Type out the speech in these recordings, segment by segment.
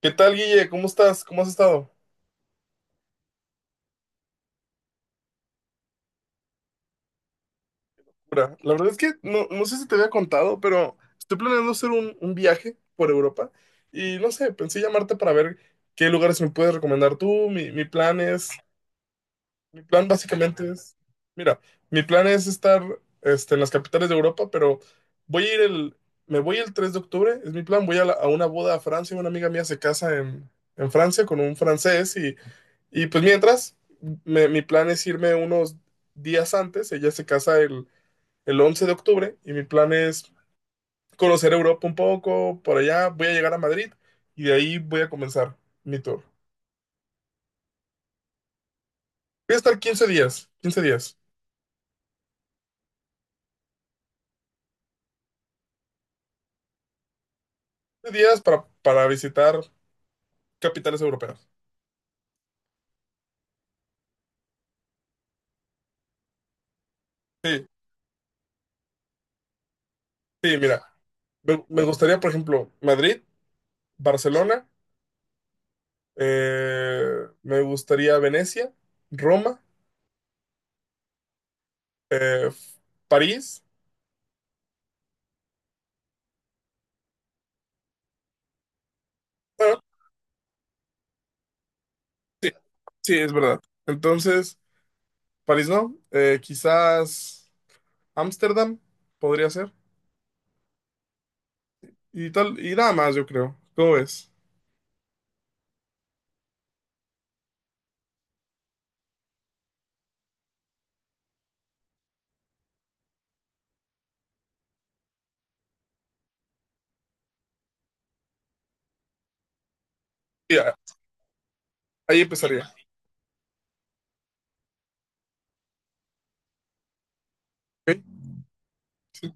¿Qué tal, Guille? ¿Cómo estás? ¿Cómo has estado? Mira, la verdad es que no sé si te había contado, pero estoy planeando hacer un viaje por Europa y no sé, pensé llamarte para ver qué lugares me puedes recomendar tú. Mi plan es, mi plan básicamente es, mira, mi plan es estar este, en las capitales de Europa, pero voy a ir el, me voy el 3 de octubre, es mi plan, voy a, a una boda a Francia, una amiga mía se casa en Francia con un francés y pues mientras, mi plan es irme unos días antes. Ella se casa el 11 de octubre y mi plan es conocer Europa un poco. Por allá voy a llegar a Madrid y de ahí voy a comenzar mi tour. Voy a estar 15 días, 15 días. Quince días para visitar capitales europeas. Sí, sí, mira. Me gustaría, por ejemplo, Madrid, Barcelona, me gustaría Venecia, Roma, eh, París. Bueno, sí, sí, es verdad. Entonces, París no, quizás Ámsterdam podría ser. Y tal, y nada más, yo creo. ¿Cómo ves? Y ahí empezaría. ¿OK? Sí.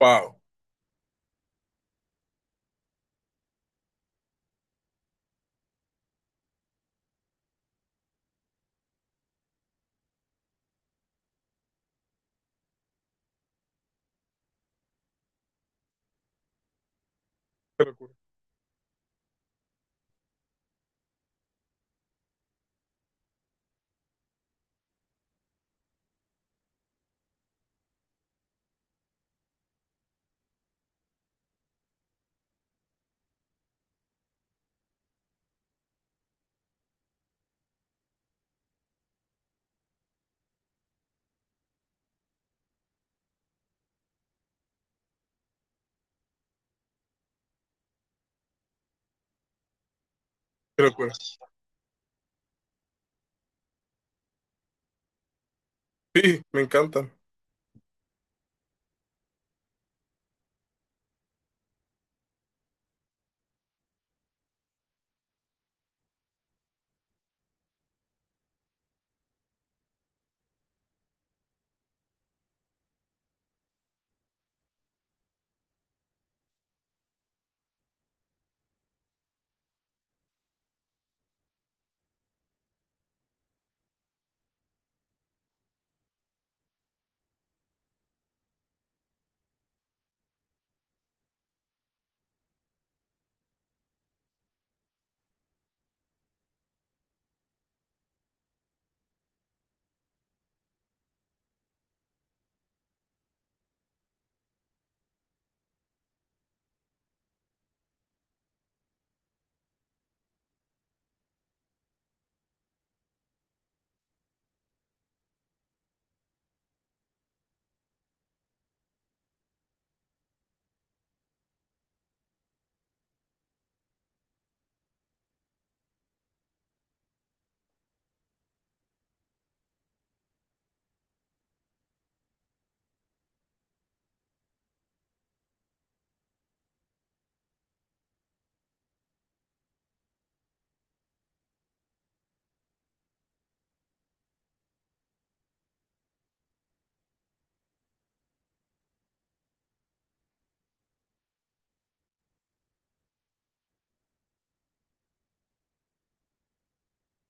Wow, qué locura, qué locura. Sí, me encantan.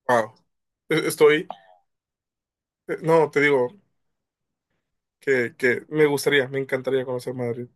Wow. E- Estoy, no, te digo que me gustaría, me encantaría conocer Madrid.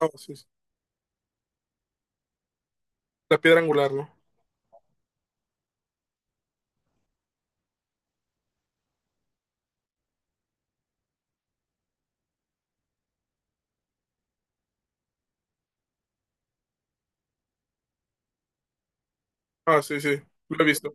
Ah, sí, sí. La piedra angular, ¿no? Ah, sí, sí. Lo he visto.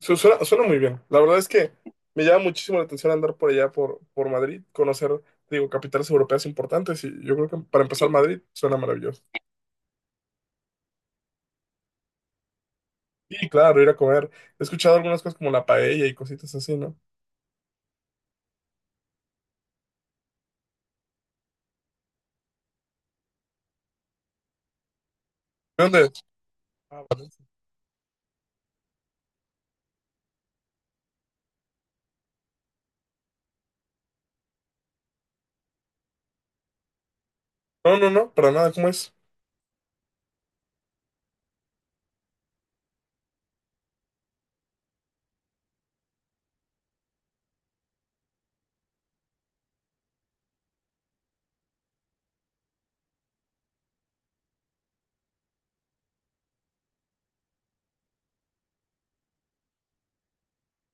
Suena muy bien. La verdad es que me llama muchísimo la atención andar por allá, por Madrid, conocer, digo, capitales europeas importantes. Y yo creo que para empezar Madrid suena maravilloso. Y claro, ir a comer. He escuchado algunas cosas como la paella y cositas así, ¿no? ¿De dónde es? Ah, Valencia. No, no, no, para nada, ¿cómo es?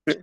Sí.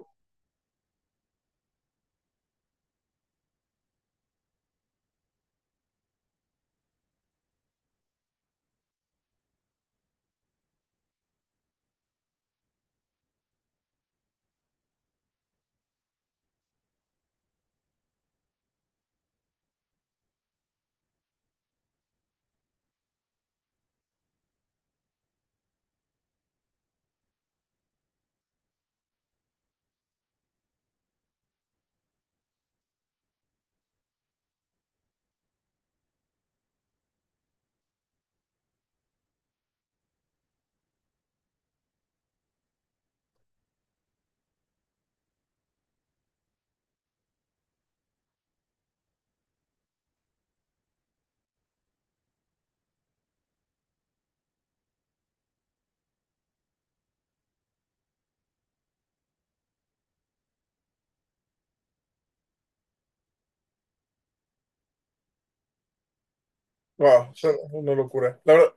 Wow, suena una locura. La verdad,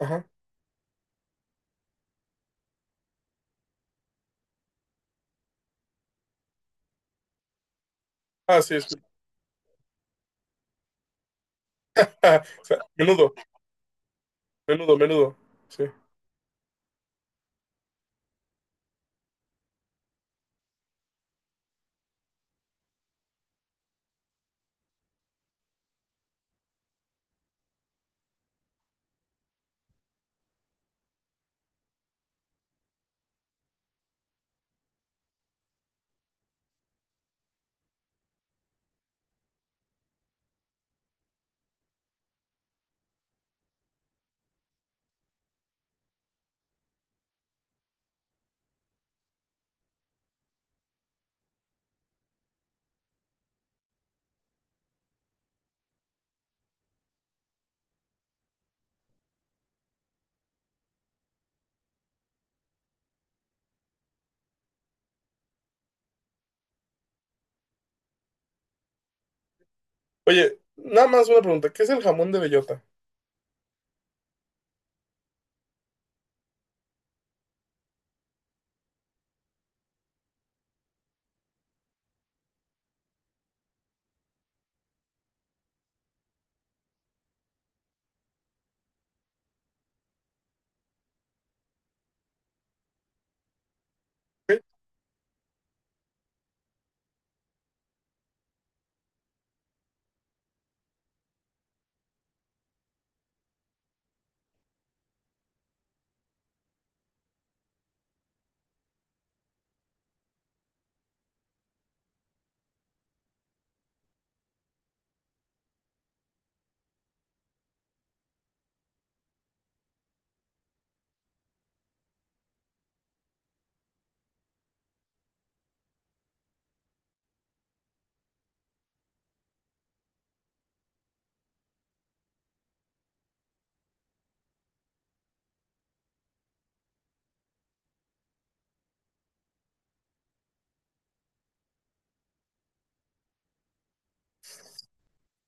ajá. Ah, sí, es. O sea, menudo, menudo, menudo. Sí. Oye, nada más una pregunta. ¿Qué es el jamón de bellota? ¿Sí?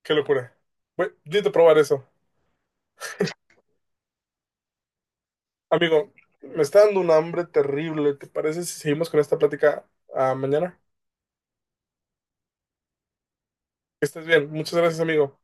Qué locura. Voy, necesito probar eso. Amigo, me está dando un hambre terrible. ¿Te parece si seguimos con esta plática mañana? Que estés bien. Muchas gracias, amigo.